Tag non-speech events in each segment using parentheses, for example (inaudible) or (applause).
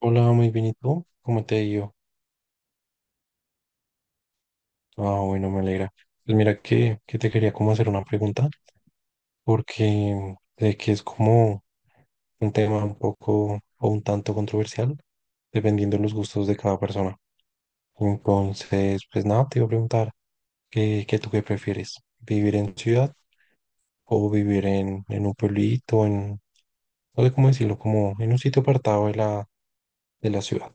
Hola, muy bien, ¿y tú? ¿Cómo te ha ido? Ah, bueno, me alegra. Pues mira que te quería como hacer una pregunta, porque sé que es como un tema un poco o un tanto controversial, dependiendo de los gustos de cada persona. Entonces, pues nada, te iba a preguntar, ¿qué tú qué prefieres? ¿Vivir en ciudad o vivir en un pueblito, en, no sé cómo decirlo, como en un sitio apartado de la ciudad?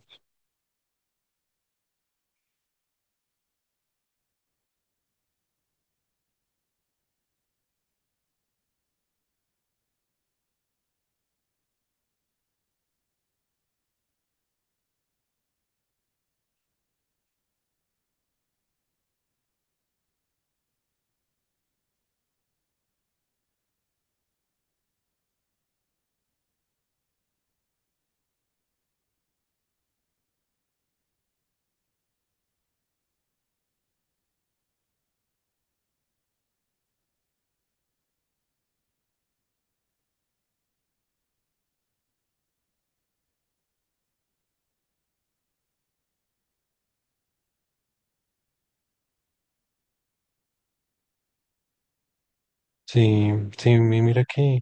Sí, sí, mira que,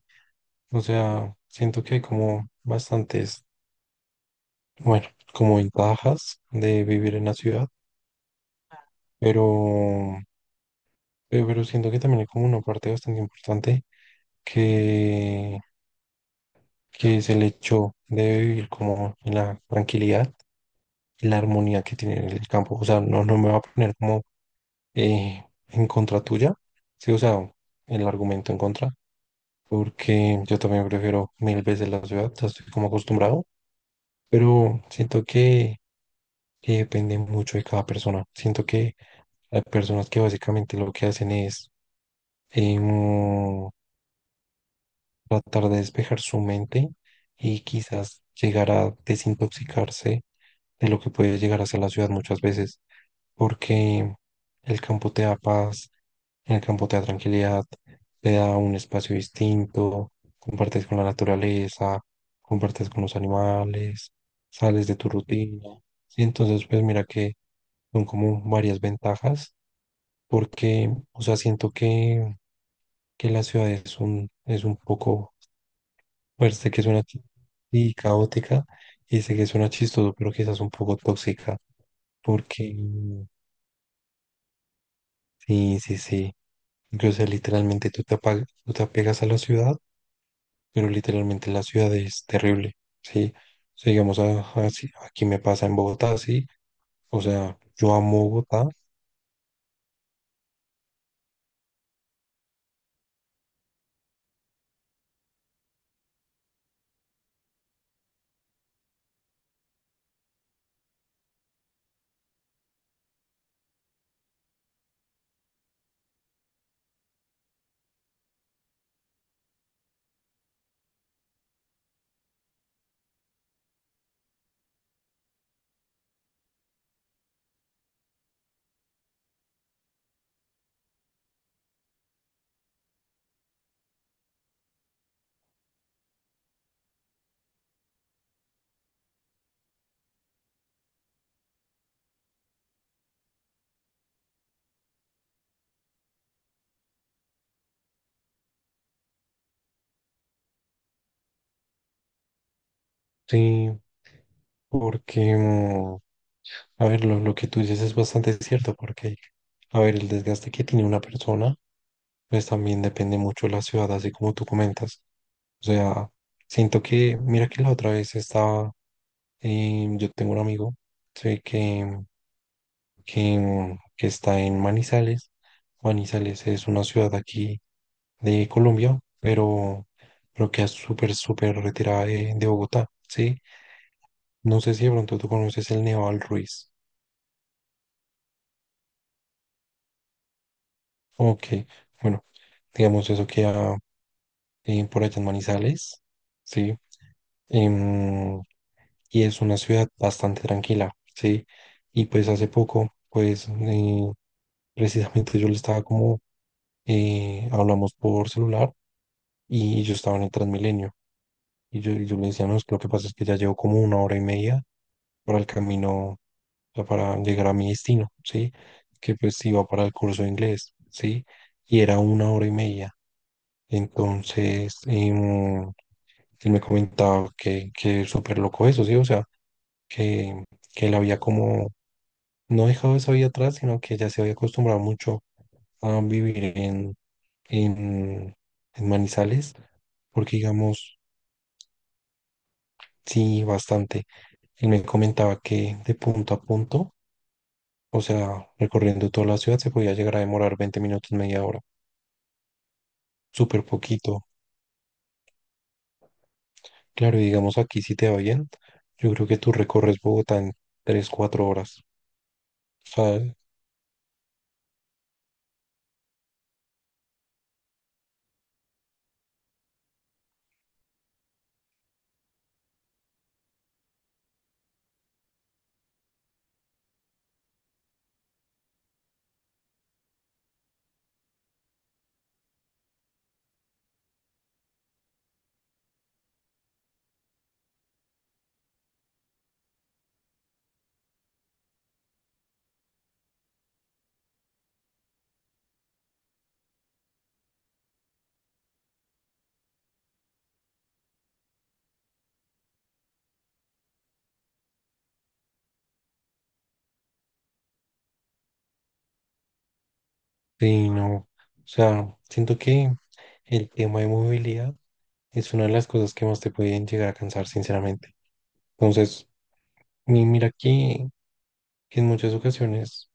o sea, siento que hay como bastantes. Bueno, como ventajas de vivir en la ciudad, pero, pero siento que también hay como una parte bastante importante que, que es el hecho de vivir como en la tranquilidad y la armonía que tiene el campo. O sea, no, no me va a poner como en contra tuya, sí, o sea, el argumento en contra, porque yo también prefiero mil veces la ciudad, ya estoy como acostumbrado, pero siento que depende mucho de cada persona. Siento que hay personas que básicamente lo que hacen es em, tratar de despejar su mente y quizás llegar a desintoxicarse de lo que puede llegar a ser la ciudad muchas veces, porque el campo te da paz, el campo te da tranquilidad, te da un espacio distinto, compartes con la naturaleza, compartes con los animales, sales de tu rutina. Y entonces, pues mira que son como varias ventajas, porque, o sea, siento que la ciudad es un poco, pues sé que suena y caótica y sé que suena chistoso, pero quizás un poco tóxica, porque mm, sí, sí, sí, o sea, literalmente tú te, tú te apegas a la ciudad, pero literalmente la ciudad es terrible, ¿sí? O sea, digamos, aquí me pasa en Bogotá, ¿sí? O sea, yo amo Bogotá, sí. Porque, mm, a ver, lo que tú dices es bastante cierto, porque, a ver, el desgaste que tiene una persona, pues también depende mucho de la ciudad, así como tú comentas. O sea, siento que, mira que la otra vez estaba, yo tengo un amigo, sí, que está en Manizales. Manizales es una ciudad aquí de Colombia, pero queda súper, súper retirada de Bogotá, ¿sí? No sé si de pronto tú conoces el Nevado del Ruiz. Ok, bueno, digamos eso queda por allá en Manizales, ¿sí? Em, y es una ciudad bastante tranquila, ¿sí? Y pues hace poco, pues precisamente yo le estaba como, hablamos por celular y yo estaba en el Transmilenio. Y yo le decía, no, es que lo que pasa es que ya llevo como 1 hora y media para el camino, o sea, para llegar a mi destino, ¿sí? Que pues iba para el curso de inglés, ¿sí? Y era 1 hora y media. Entonces, él me comentaba que es súper loco eso, ¿sí? O sea, que, que él había como no dejado esa vida atrás, sino que ya se había acostumbrado mucho a vivir en, en Manizales, porque digamos, sí, bastante. Él me comentaba que de punto a punto, o sea, recorriendo toda la ciudad se podía llegar a demorar 20 minutos, media hora, súper poquito. Claro, y digamos aquí si te va bien, yo creo que tú recorres Bogotá en 3 o 4 horas, ¿sabes? Sí, no. O sea, siento que el tema de movilidad es una de las cosas que más te pueden llegar a cansar, sinceramente. Entonces, mira que en muchas ocasiones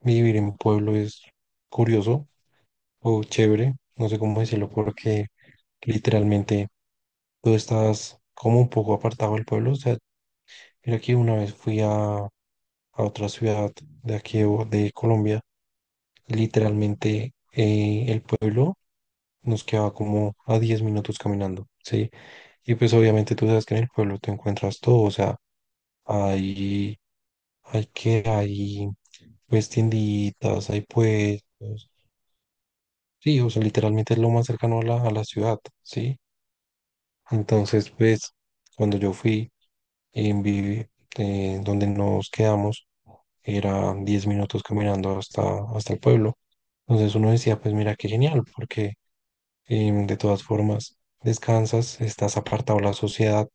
vivir en mi pueblo es curioso o chévere, no sé cómo decirlo, porque literalmente tú estás como un poco apartado del pueblo. O sea, mira que una vez fui a otra ciudad de aquí de de Colombia. Literalmente el pueblo nos quedaba como a 10 minutos caminando, ¿sí? Y pues obviamente tú sabes que en el pueblo te encuentras todo. O sea, hay, hay pues tienditas, hay puestos. Sí, o sea, literalmente es lo más cercano a a la ciudad, ¿sí? Entonces, pues, cuando yo fui... en vi- donde nos quedamos era 10 minutos caminando hasta el pueblo. Entonces uno decía, pues mira qué genial, porque de todas formas descansas, estás apartado de la sociedad,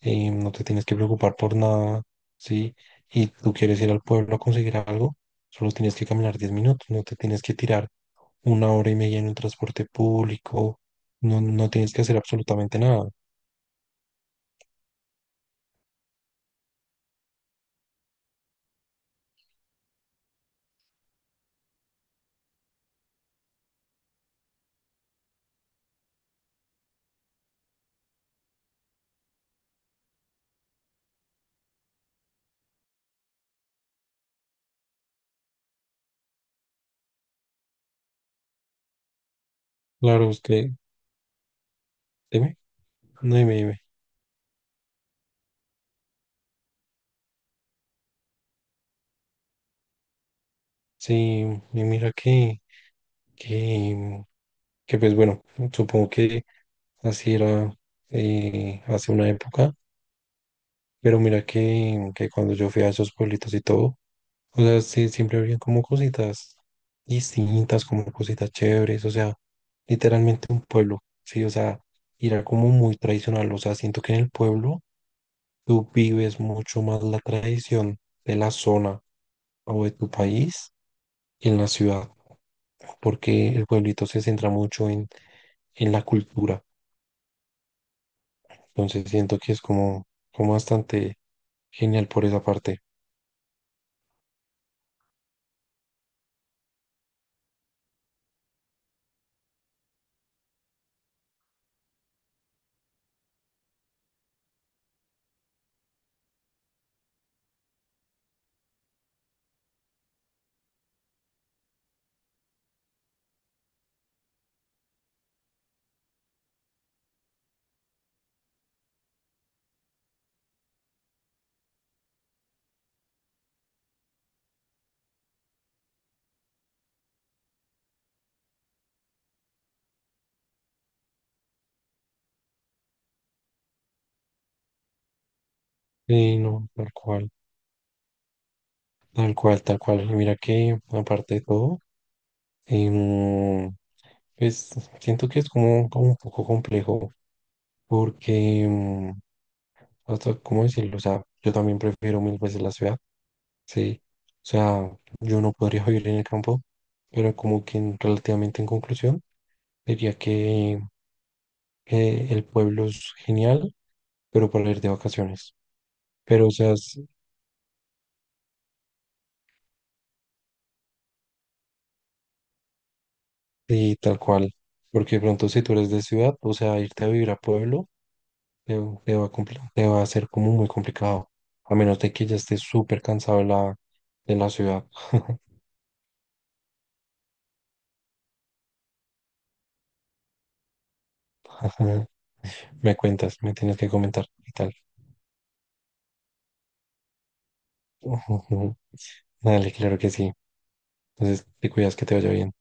no te tienes que preocupar por nada, ¿sí? Y tú quieres ir al pueblo a conseguir algo, solo tienes que caminar 10 minutos, no te tienes que tirar 1 hora y media en un transporte público, no, no tienes que hacer absolutamente nada. Claro, es que, dime, no dime, dime. Sí, y mira que, que pues bueno, supongo que así era hace una época, pero mira que cuando yo fui a esos pueblitos y todo, o sea, sí, siempre había como cositas distintas, como cositas chéveres, o sea, literalmente un pueblo, sí, o sea, era como muy tradicional, o sea, siento que en el pueblo tú vives mucho más la tradición de la zona o de tu país en la ciudad, porque el pueblito se centra mucho en la cultura. Entonces siento que es como, como bastante genial por esa parte. Sí, no, tal cual, tal cual, tal cual. Y mira que aparte de todo, em, pues siento que es como, como un poco complejo, porque, hasta, ¿cómo decirlo? O sea, yo también prefiero mil veces la ciudad, sí. O sea, yo no podría (laughs) vivir en el campo, pero como que relativamente en conclusión. Diría que el pueblo es genial, pero para ir de vacaciones. Pero, o sea, sí, tal cual. Porque de pronto si tú eres de ciudad, o sea, irte a vivir a pueblo te, te va a te va a ser como muy complicado. A menos de que ya estés súper cansado de de la ciudad. (laughs) Me cuentas, me tienes que comentar y tal. (laughs) Dale, claro que sí. Entonces, te cuidas que te vaya bien.